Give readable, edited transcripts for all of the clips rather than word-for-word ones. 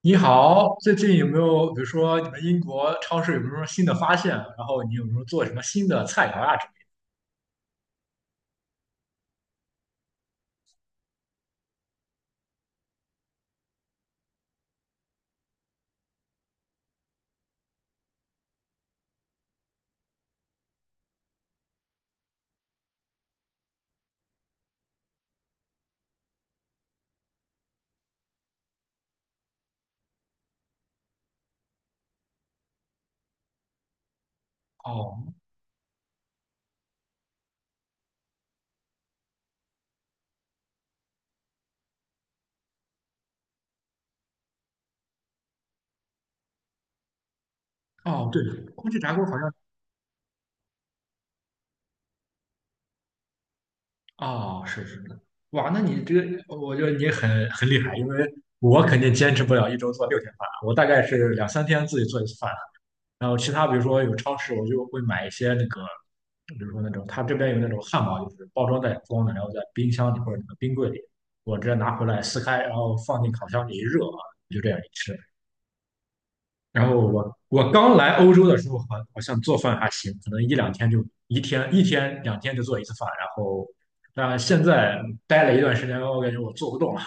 你好，最近有没有，比如说你们英国超市有没有什么新的发现？然后你有没有做什么新的菜肴啊之类的。哦哦，对。空气炸锅好像。哦，是是的。哇，那你这个，我觉得你很厉害，因为我肯定坚持不了一周做六天饭，我大概是两三天自己做一次饭。然后其他比如说有超市，我就会买一些那个，比如说那种他这边有那种汉堡，就是包装袋装的，然后在冰箱里或者那个冰柜里，我直接拿回来撕开，然后放进烤箱里一热啊，就这样一吃。然后我刚来欧洲的时候，好好像做饭还行，可能一两天就一天一天两天就做一次饭，然后但现在待了一段时间，我感觉我做不动了。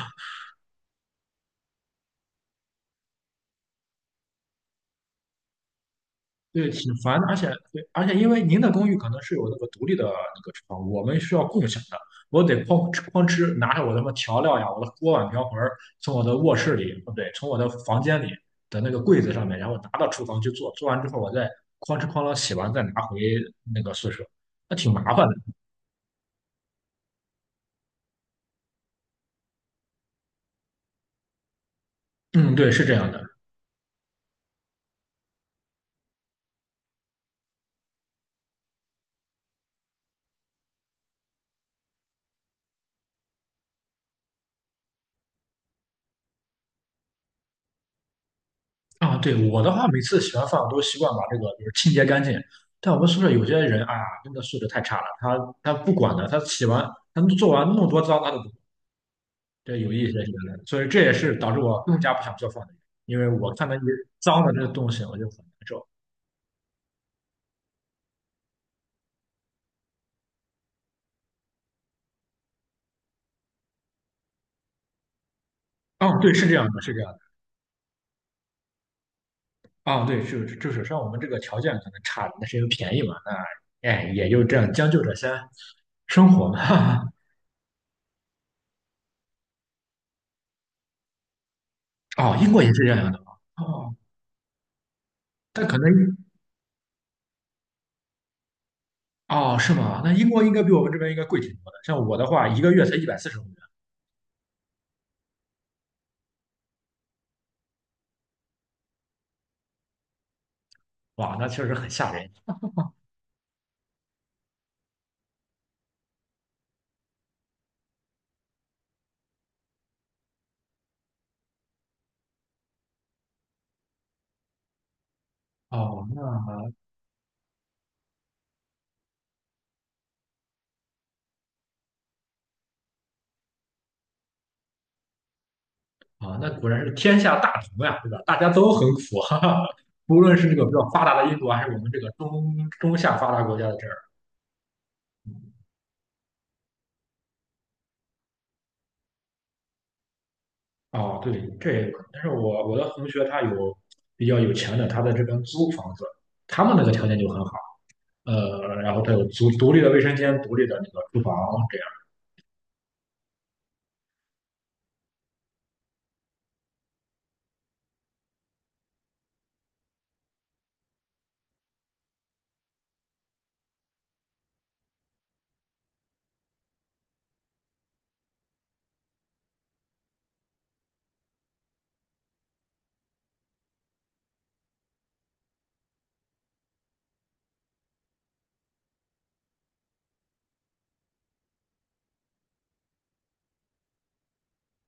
对，挺烦的，而且对，而且因为您的公寓可能是有那个独立的那个厨房，我们需要共享的。我得哐哧哐哧拿着我的什么调料呀，我的锅碗瓢盆儿，从我的卧室里，不对，从我的房间里的那个柜子上面，然后拿到厨房去做，做完之后我再哐哧哐啷洗完再拿回那个宿舍，那挺麻烦的。嗯，对，是这样的。啊，对，我的话，每次洗完饭我都习惯把这个就是清洁干净。但我们宿舍有些人啊，真的素质太差了，他他不管的，他洗完他做完那么多脏，他都不管这有意思学的，所以这也是导致我更加不想做饭的原因，因为我看到一些脏的这个东西，我就很难受。哦，对，是这样的，是这样的。哦，对，就是就是像我们这个条件可能差，那是因为便宜嘛，那哎也就这样将就着先生活嘛。哦，英国也是这样的吗？哦，但可能哦是吗？那英国应该比我们这边应该贵挺多的。像我的话，一个月才一百四十欧元。哇，那确实很吓人。哦，那啊，那果然是天下大同呀，对吧？大家都很苦，哈哈。无论是这个比较发达的印度，还是我们这个中中下发达国家的这儿。哦，对，这也有可能。但是我的同学他有比较有钱的，他在这边租房子，他们那个条件就很好。然后他有独独立的卫生间、独立的那个厨房这样。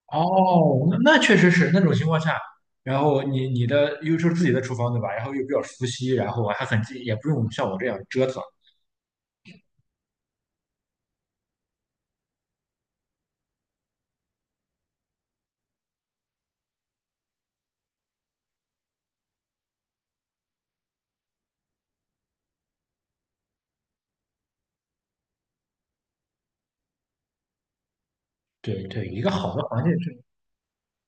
哦，那那确实是那种情况下，然后你的又是自己的厨房对吧？然后又比较熟悉，然后还很近，也不用像我这样折腾。对对，一个好的环境是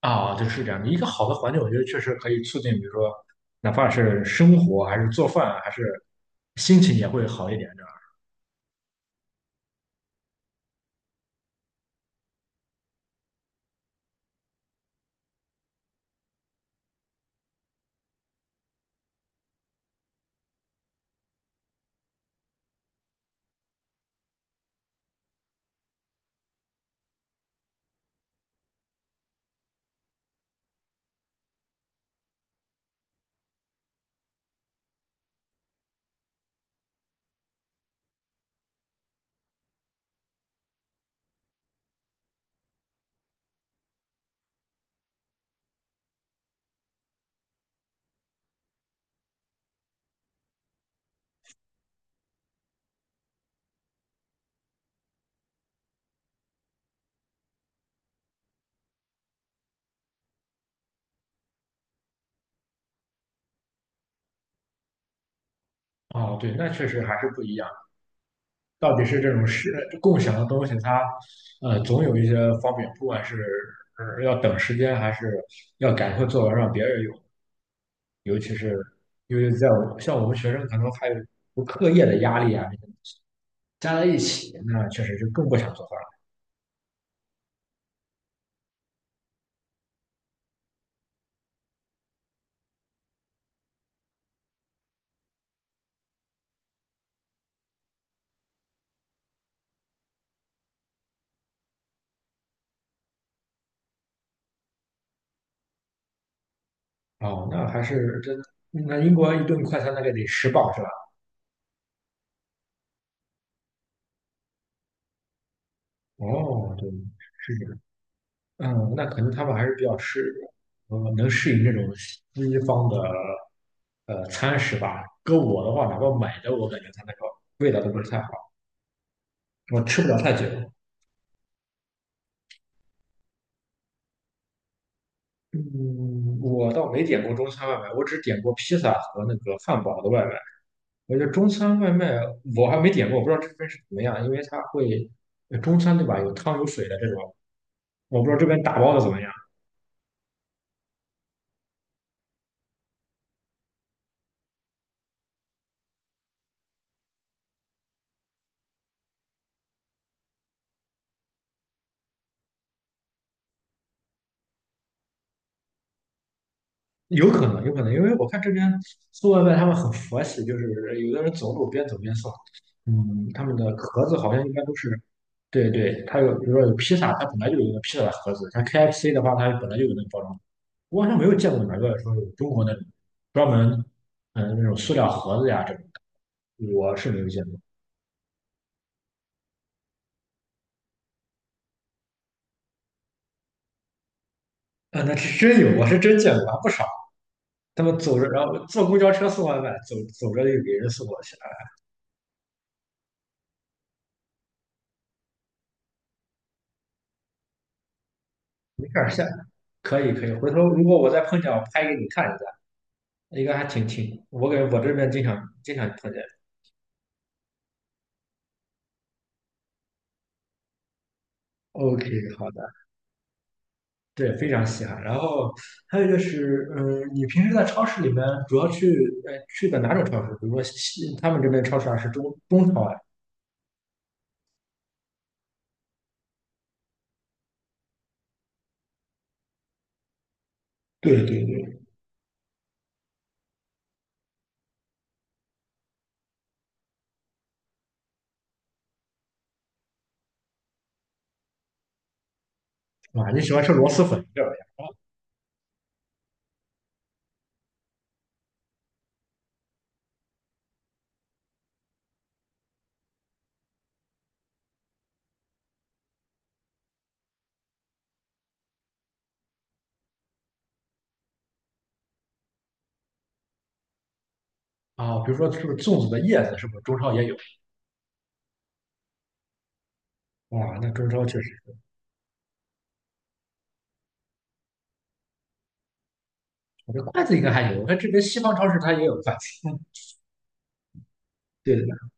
啊，对，是这样的。一个好的环境，我觉得确实可以促进，比如说，哪怕是生活，还是做饭，还是心情也会好一点，这样。哦，对，那确实还是不一样。到底是这种是共享的东西，它总有一些方便，不管是要等时间，还是要赶快做完让别人用，尤其是因为在我像我们学生，可能还有课业的压力啊，加在一起，那确实就更不想做饭了。哦，那还是真，那英国一顿快餐大概得十磅是吧？哦，对，是这样。嗯，那可能他们还是比较适，能适应这种西方的餐食吧。搁我的话，哪怕买的，我感觉它那个味道都不是太好，我吃不了太久。嗯，我倒没点过中餐外卖，我只点过披萨和那个汉堡的外卖。我觉得中餐外卖我还没点过，我不知道这边是怎么样，因为它会中餐对吧？有汤有水的这种，我不知道这边打包的怎么样。有可能，有可能，因为我看这边送外卖他们很佛系，就是有的人走路边走边送。嗯，他们的盒子好像一般都是，对对，它有，比如说有披萨，它本来就有那个披萨的盒子，像 KFC 的话，它本来就有那个包装。我好像没有见过哪个说有中国那种专门，嗯，那种塑料盒子呀这种，我是没有见过。啊，那是真有，我是真见过，还不少。他们走着，然后坐公交车送外卖，走走着就给人送过去了。没事儿，下可以可以，回头如果我再碰见，我拍给你看。一下。应该还挺挺，我感觉我这边经常经常碰见。OK，好的。对，非常稀罕。然后还有就是，嗯，你平时在超市里面主要去，去的哪种超市？比如说西，他们这边超市啊是中中超啊，对对对。啊，你喜欢吃螺蛳粉这玩意儿啊？啊比如说是不是粽子的叶子，是不是中超也有？哇，那中超确实，我这筷子应该还有，我看这边西方超市它也有筷子。对的，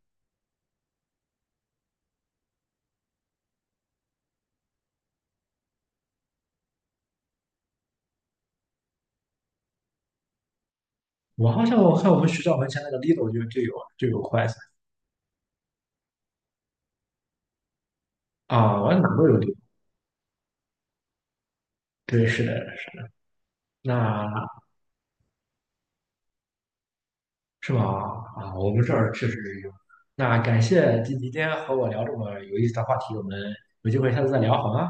我好像我看我们学校门前那个 Lidl 就有就有筷子啊，我哪都有 Lidl。对，是的。那是吗？啊，我们这儿确实有。那感谢今天和我聊这么有意思的话题，我们有机会下次再聊，好吗？